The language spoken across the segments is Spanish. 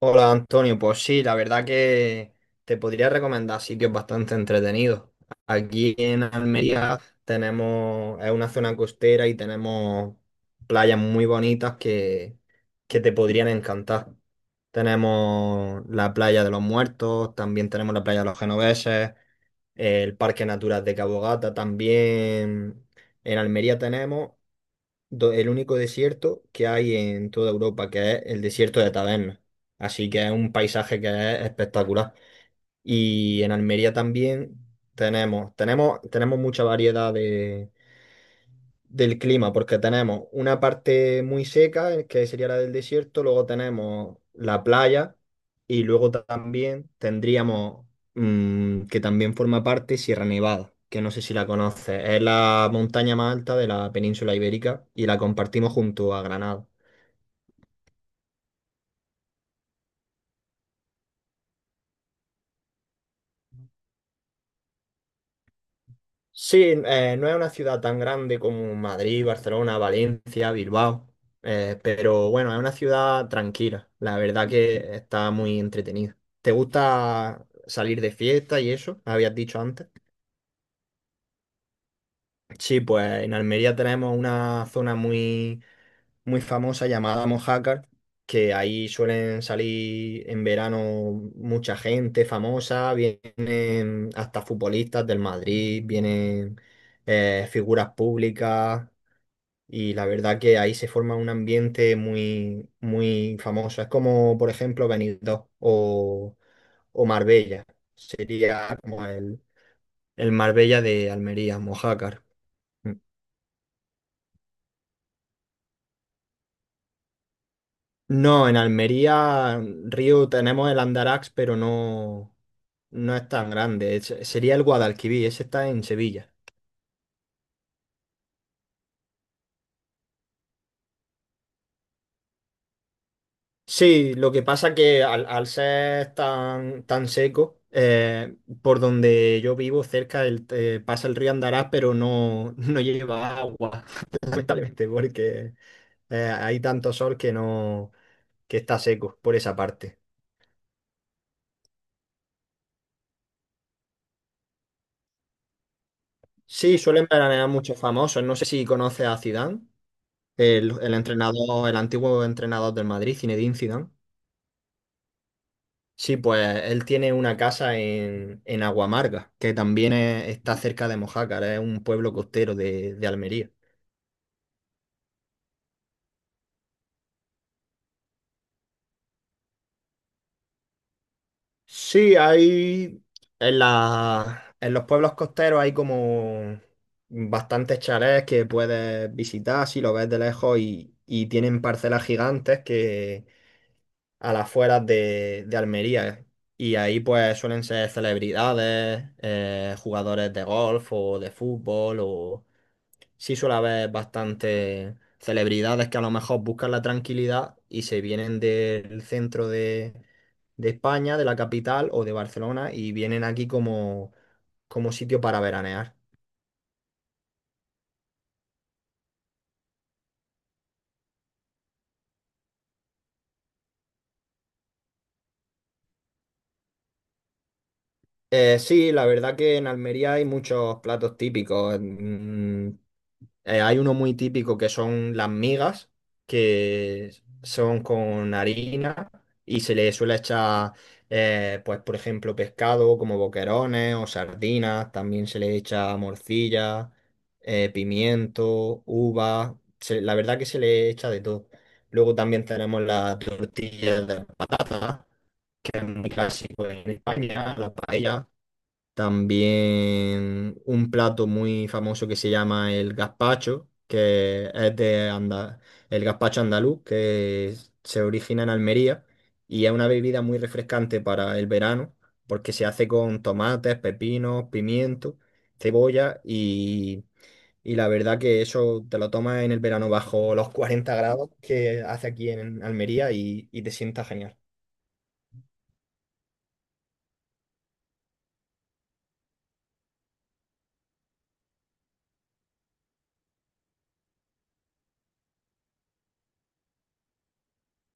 Hola Antonio, pues sí, la verdad que te podría recomendar sitios bastante entretenidos. Aquí en Almería tenemos, es una zona costera y tenemos playas muy bonitas que te podrían encantar. Tenemos la playa de los Muertos, también tenemos la playa de los Genoveses, el Parque Natural de Cabo Gata, también en Almería tenemos el único desierto que hay en toda Europa, que es el desierto de Tabernas. Así que es un paisaje que es espectacular. Y en Almería también tenemos mucha variedad de, del clima, porque tenemos una parte muy seca, que sería la del desierto, luego tenemos la playa y luego también tendríamos, que también forma parte Sierra Nevada, que no sé si la conoces, es la montaña más alta de la península ibérica y la compartimos junto a Granada. Sí, no es una ciudad tan grande como Madrid, Barcelona, Valencia, Bilbao, pero bueno, es una ciudad tranquila. La verdad que está muy entretenida. ¿Te gusta salir de fiesta y eso? Habías dicho antes. Sí, pues en Almería tenemos una zona muy famosa llamada Mojácar, que ahí suelen salir en verano mucha gente famosa, vienen hasta futbolistas del Madrid, vienen figuras públicas. Y la verdad que ahí se forma un ambiente muy famoso. Es como, por ejemplo, Benidorm o Marbella. Sería como el Marbella de Almería, Mojácar. No, en Almería, río, tenemos el Andarax, pero no, no es tan grande. Sería el Guadalquivir, ese está en Sevilla. Sí, lo que pasa que al ser tan seco, por donde yo vivo cerca pasa el río Andarás, pero no, no lleva agua, lamentablemente, porque hay tanto sol que no, que está seco por esa parte. Sí, suelen veranear muchos famosos. No sé si conoces a Zidane, el entrenador, el antiguo entrenador del Madrid, Zinedine Zidane. Sí, pues él tiene una casa en Aguamarga, que también está cerca de Mojácar, es un pueblo costero de Almería. Sí, hay en los pueblos costeros hay como bastantes chalets que puedes visitar si lo ves de lejos y tienen parcelas gigantes que a las afueras de Almería. Y ahí pues suelen ser celebridades, jugadores de golf o de fútbol o sí suele haber bastantes celebridades que a lo mejor buscan la tranquilidad y se vienen del centro de España, de la capital o de Barcelona y vienen aquí como, como sitio para veranear. Sí, la verdad que en Almería hay muchos platos típicos. Hay uno muy típico que son las migas, que son con harina y se le suele echar, pues por ejemplo, pescado como boquerones o sardinas. También se le echa morcilla, pimiento, uva. La verdad que se le echa de todo. Luego también tenemos las tortillas de patata, que es muy clásico en España, la paella. También un plato muy famoso que se llama el gazpacho, que es de anda el gazpacho andaluz, que se origina en Almería y es una bebida muy refrescante para el verano, porque se hace con tomates, pepinos, pimiento, cebolla y la verdad que eso te lo tomas en el verano bajo los 40 grados que hace aquí en Almería y te sienta genial.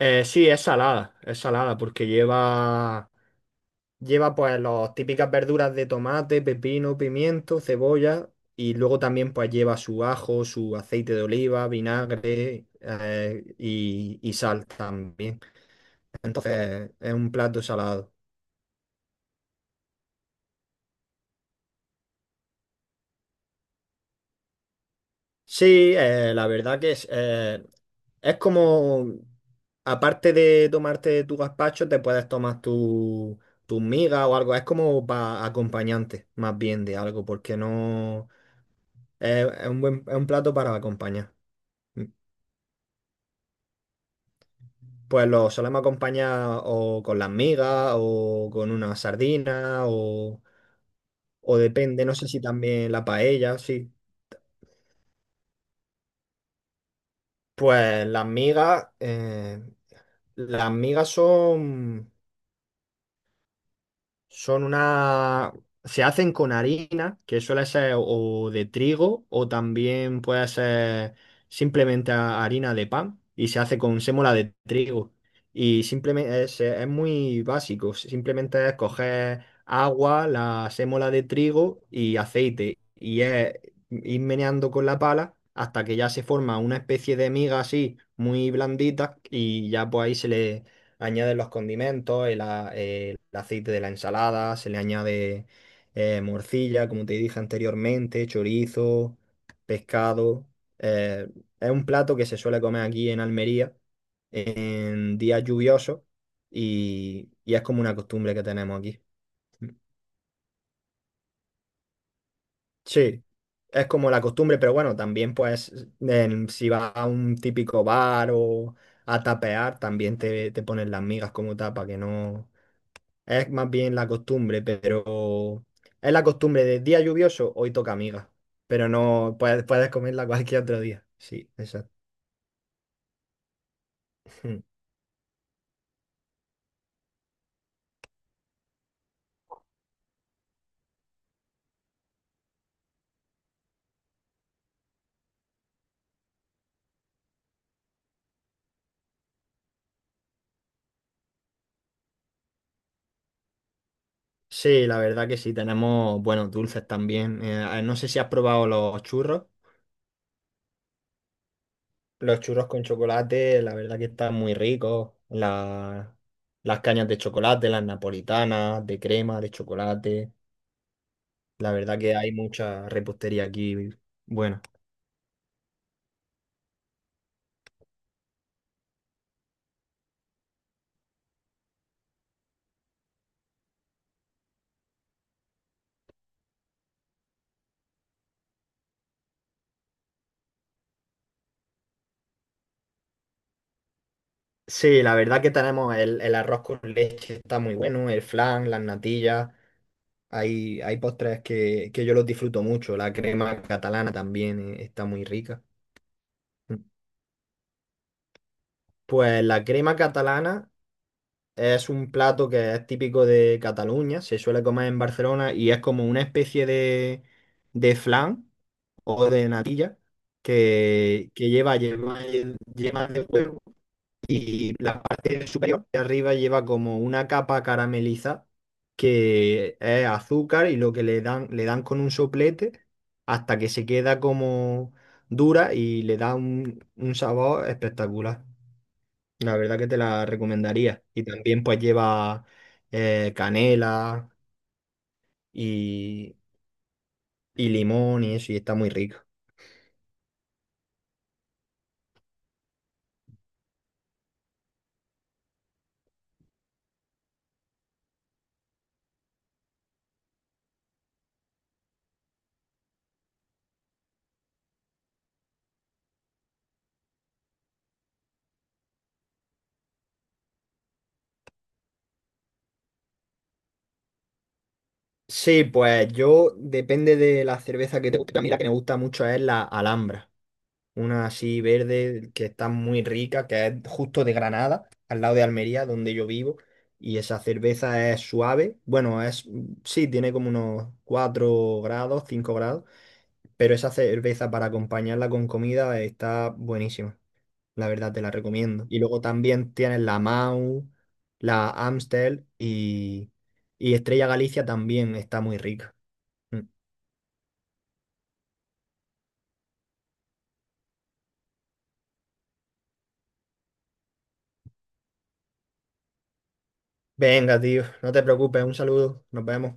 Sí, es salada porque lleva. Lleva pues las típicas verduras de tomate, pepino, pimiento, cebolla y luego también pues lleva su ajo, su aceite de oliva, vinagre, y sal también. Entonces es un plato salado. Sí, la verdad que es como, aparte de tomarte tu gazpacho, te puedes tomar tu, tus migas o algo. Es como para acompañante más bien de algo porque no es un buen, es un plato para acompañar. Pues lo solemos acompañar o con las migas o con una sardina o depende, no sé si también la paella, sí. Pues las migas son. Son una... Se hacen con harina, que suele ser o de trigo o también puede ser simplemente harina de pan y se hace con sémola de trigo. Y simplemente es muy básico, simplemente es coger agua, la sémola de trigo y aceite y es ir meneando con la pala hasta que ya se forma una especie de miga así muy blandita y ya pues ahí añaden los condimentos, el, el aceite de la ensalada, se le añade morcilla, como te dije anteriormente, chorizo, pescado. Eh, es un plato que se suele comer aquí en Almería en días lluviosos y es como una costumbre que tenemos aquí. Sí, es como la costumbre, pero bueno, también pues si vas a un típico bar o a tapear, también te ponen las migas como tapa, que no, es más bien la costumbre, pero es la costumbre de día lluvioso, hoy toca amiga. Pero no puedes, puedes comerla cualquier otro día. Sí, exacto. Sí, la verdad que sí, tenemos buenos dulces también. No sé si has probado los churros. Los churros con chocolate, la verdad que están muy ricos. Las cañas de chocolate, las napolitanas, de crema, de chocolate. La verdad que hay mucha repostería aquí. Bueno. Sí, la verdad que tenemos el arroz con leche, está muy bueno, el flan, las natillas, hay postres que yo los disfruto mucho, la crema catalana también, está muy rica. Pues la crema catalana es un plato que es típico de Cataluña, se suele comer en Barcelona y es como una especie de flan o de natilla que lleva. Y la parte superior de arriba lleva como una capa carameliza que es azúcar y lo que le dan con un soplete hasta que se queda como dura y le da un sabor espectacular. La verdad que te la recomendaría. Y también pues lleva canela y, y limón y eso y está muy rico. Sí, pues yo depende de la cerveza que te guste. A mí la que me gusta mucho es la Alhambra. Una así verde que está muy rica, que es justo de Granada, al lado de Almería, donde yo vivo, y esa cerveza es suave, bueno, es, sí, tiene como unos 4 grados, 5 grados, pero esa cerveza para acompañarla con comida está buenísima, la verdad te la recomiendo. Y luego también tienes la Mau, la Amstel y Estrella Galicia también está muy rica. Mm. Venga, tío, no te preocupes, un saludo, nos vemos.